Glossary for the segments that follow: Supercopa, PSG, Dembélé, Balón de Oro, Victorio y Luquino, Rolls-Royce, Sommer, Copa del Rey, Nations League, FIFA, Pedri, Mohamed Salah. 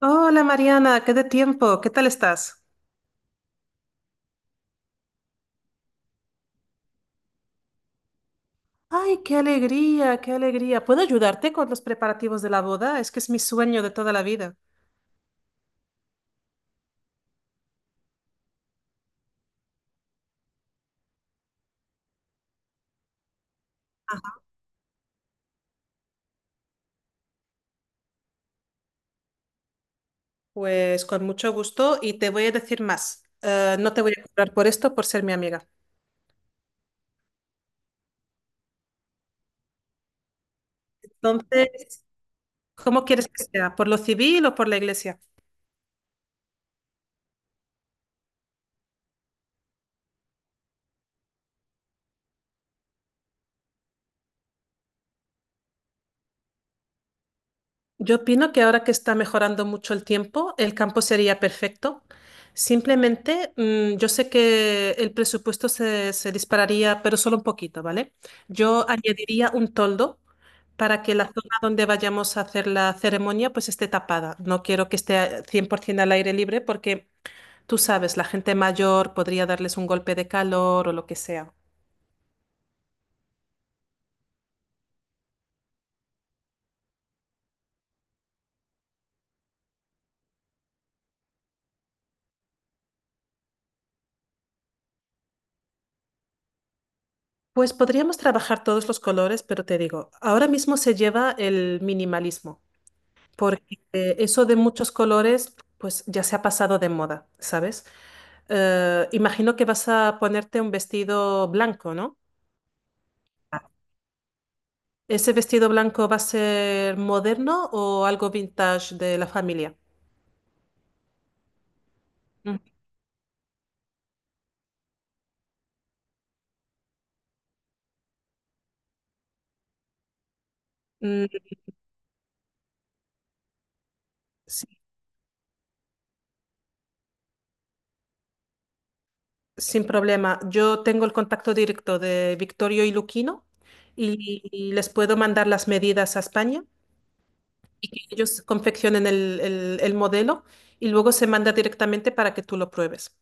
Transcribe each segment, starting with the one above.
Hola Mariana, qué de tiempo, ¿qué tal estás? Ay, qué alegría, qué alegría. ¿Puedo ayudarte con los preparativos de la boda? Es que es mi sueño de toda la vida. Pues con mucho gusto y te voy a decir más. No te voy a cobrar por esto por ser mi amiga. Entonces, ¿cómo quieres que sea? ¿Por lo civil o por la iglesia? Yo opino que ahora que está mejorando mucho el tiempo, el campo sería perfecto. Simplemente, yo sé que el presupuesto se dispararía, pero solo un poquito, ¿vale? Yo añadiría un toldo para que la zona donde vayamos a hacer la ceremonia pues esté tapada. No quiero que esté 100% al aire libre porque tú sabes, la gente mayor podría darles un golpe de calor o lo que sea. Pues podríamos trabajar todos los colores, pero te digo, ahora mismo se lleva el minimalismo. Porque eso de muchos colores, pues ya se ha pasado de moda, ¿sabes? Imagino que vas a ponerte un vestido blanco, ¿no? ¿Ese vestido blanco va a ser moderno o algo vintage de la familia? Mm. Mm, sí, sin problema. Yo tengo el contacto directo de Victorio y Luquino y les puedo mandar las medidas a España. Ellos confeccionan el modelo y luego se manda directamente para que tú lo pruebes.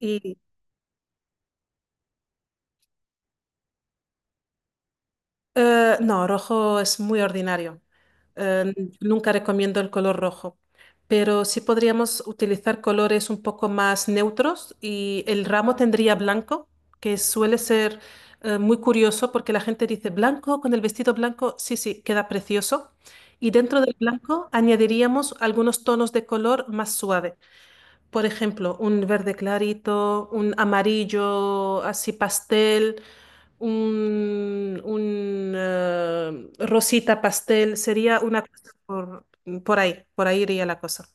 Y no, rojo es muy ordinario. Eh, Nunca recomiendo el color rojo, pero sí podríamos utilizar colores un poco más neutros y el ramo tendría blanco, que suele ser muy curioso porque la gente dice blanco con el vestido blanco, sí, sí, queda precioso. Y dentro del blanco añadiríamos algunos tonos de color más suave. Por ejemplo, un verde clarito, un amarillo así pastel, un rosita pastel, sería una cosa por ahí iría la cosa.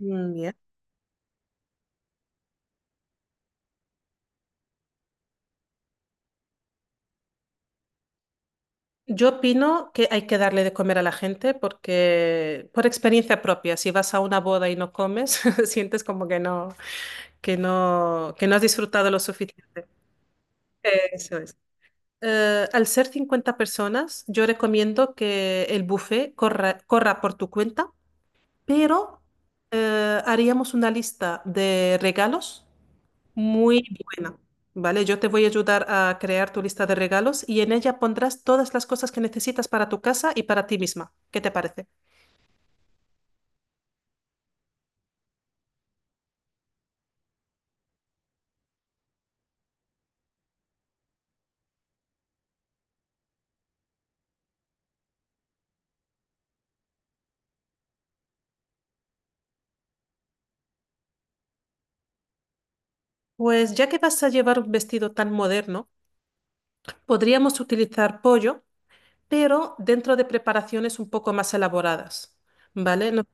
Mm, ya. Yo opino que hay que darle de comer a la gente porque, por experiencia propia, si vas a una boda y no comes, sientes como que no has disfrutado lo suficiente. Eso es. Al ser 50 personas, yo recomiendo que el buffet corra por tu cuenta, pero haríamos una lista de regalos muy buena, ¿vale? Yo te voy a ayudar a crear tu lista de regalos y en ella pondrás todas las cosas que necesitas para tu casa y para ti misma. ¿Qué te parece? Pues ya que vas a llevar un vestido tan moderno, podríamos utilizar pollo, pero dentro de preparaciones un poco más elaboradas, ¿vale?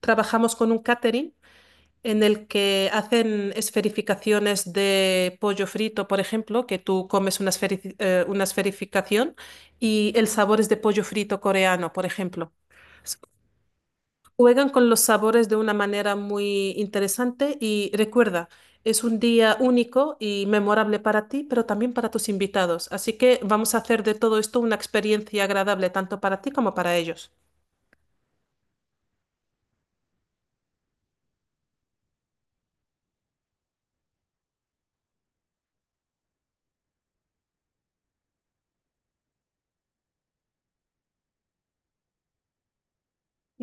Trabajamos con un catering en el que hacen esferificaciones de pollo frito, por ejemplo, que tú comes una esferificación y el sabor es de pollo frito coreano, por ejemplo. S- Juegan con los sabores de una manera muy interesante y recuerda, es un día único y memorable para ti, pero también para tus invitados. Así que vamos a hacer de todo esto una experiencia agradable tanto para ti como para ellos.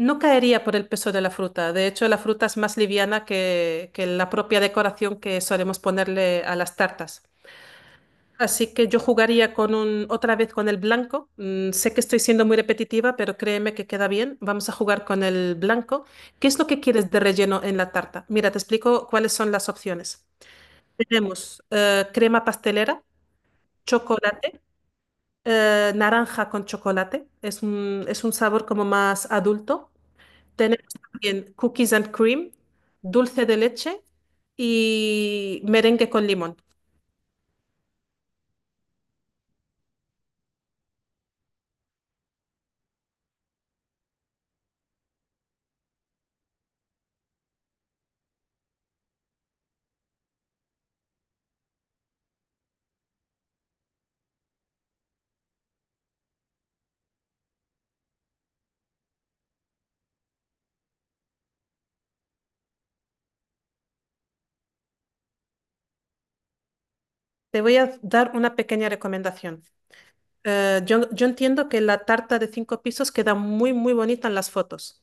No caería por el peso de la fruta. De hecho, la fruta es más liviana que la propia decoración que solemos ponerle a las tartas. Así que yo jugaría otra vez con el blanco. Sé que estoy siendo muy repetitiva, pero créeme que queda bien. Vamos a jugar con el blanco. ¿Qué es lo que quieres de relleno en la tarta? Mira, te explico cuáles son las opciones. Tenemos crema pastelera, chocolate, naranja con chocolate. Es un sabor como más adulto. Tenemos también cookies and cream, dulce de leche y merengue con limón. Te voy a dar una pequeña recomendación. Yo entiendo que la tarta de cinco pisos queda muy, muy bonita en las fotos,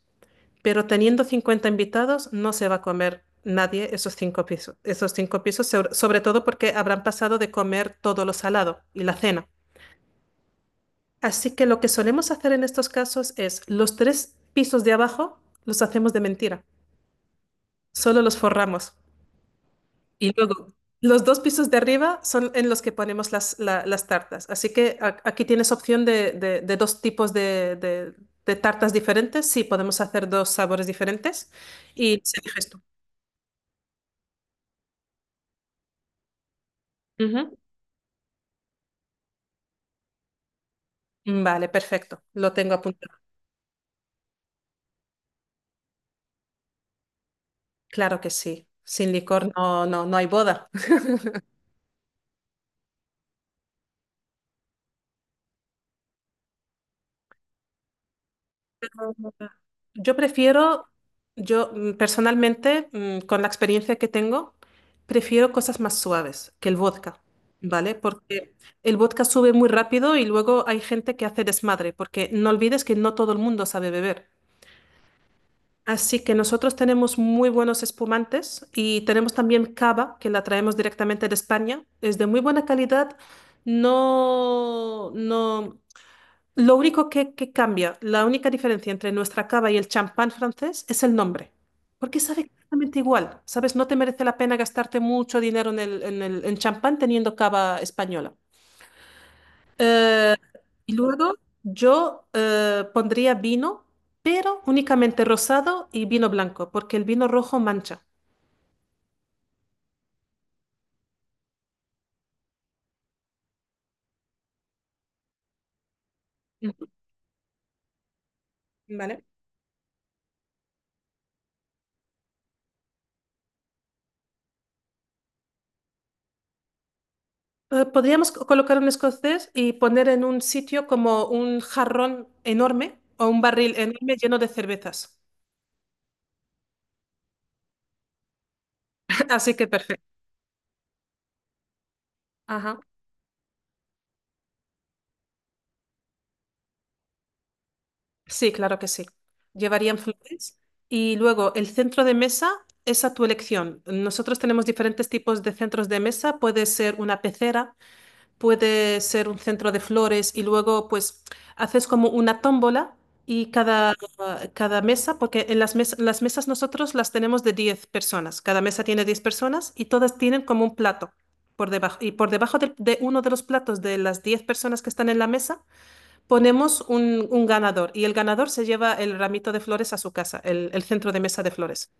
pero teniendo 50 invitados no se va a comer nadie esos cinco pisos, esos cinco pisos, sobre todo porque habrán pasado de comer todo lo salado y la cena. Así que lo que solemos hacer en estos casos es los tres pisos de abajo los hacemos de mentira, solo los forramos. Y luego, los dos pisos de arriba son en los que ponemos las tartas. Así que aquí tienes opción de dos tipos de tartas diferentes. Sí, podemos hacer dos sabores diferentes y se eliges tú. Ujú. Vale, perfecto. Lo tengo apuntado. Claro que sí. Sin licor no, no, no hay boda. Yo prefiero, yo mm, personalmente, con la experiencia que tengo, prefiero cosas más suaves que el vodka, ¿vale? Porque el vodka sube muy rápido y luego hay gente que hace desmadre, porque no olvides que no todo el mundo sabe beber. Así que nosotros tenemos muy buenos espumantes y tenemos también cava, que la traemos directamente de España. Es de muy buena calidad. No, no. Lo único que cambia, la única diferencia entre nuestra cava y el champán francés es el nombre, porque sabe exactamente igual, ¿sabes? No te merece la pena gastarte mucho dinero en champán teniendo cava española. Eh, y luego yo pondría vino, pero únicamente rosado y vino blanco, porque el vino rojo mancha. Ujú. Vale. Podríamos colocar un escocés y poner en un sitio como un jarrón enorme o un barril enorme lleno de cervezas. Así que perfecto. Ajá. Sí, claro que sí. Llevarían flores y luego el centro de mesa es a tu elección. Nosotros tenemos diferentes tipos de centros de mesa. Puede ser una pecera, puede ser un centro de flores y luego pues haces como una tómbola y cada mesa, porque las mesas nosotros las tenemos de 10 personas. Cada mesa tiene 10 personas y todas tienen como un plato por debajo. Y por debajo de uno de los platos de las 10 personas que están en la mesa ponemos un ganador y el ganador se lleva el ramito de flores a su casa, el centro de mesa de flores.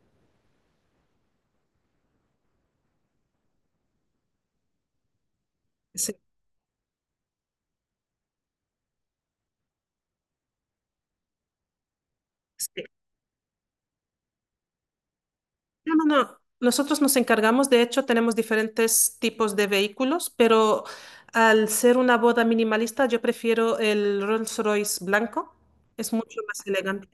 Sí, sí. No, no, no. Nosotros nos encargamos, de hecho, tenemos diferentes tipos de vehículos, pero al ser una boda minimalista, yo prefiero el Rolls-Royce blanco. Es mucho más elegante.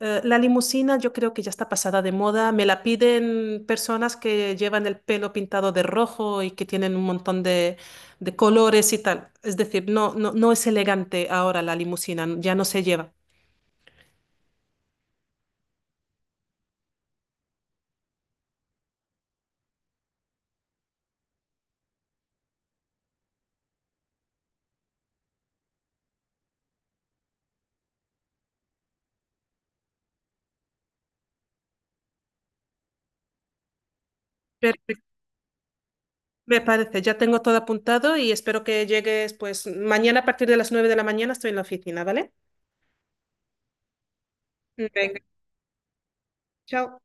La limusina yo creo que ya está pasada de moda. Me la piden personas que llevan el pelo pintado de rojo y que tienen un montón de colores y tal. Es decir, no es elegante ahora la limusina, ya no se lleva. Perfecto. Me parece, ya tengo todo apuntado y espero que llegues pues mañana a partir de las 9 de la mañana estoy en la oficina, ¿vale? Venga, chao.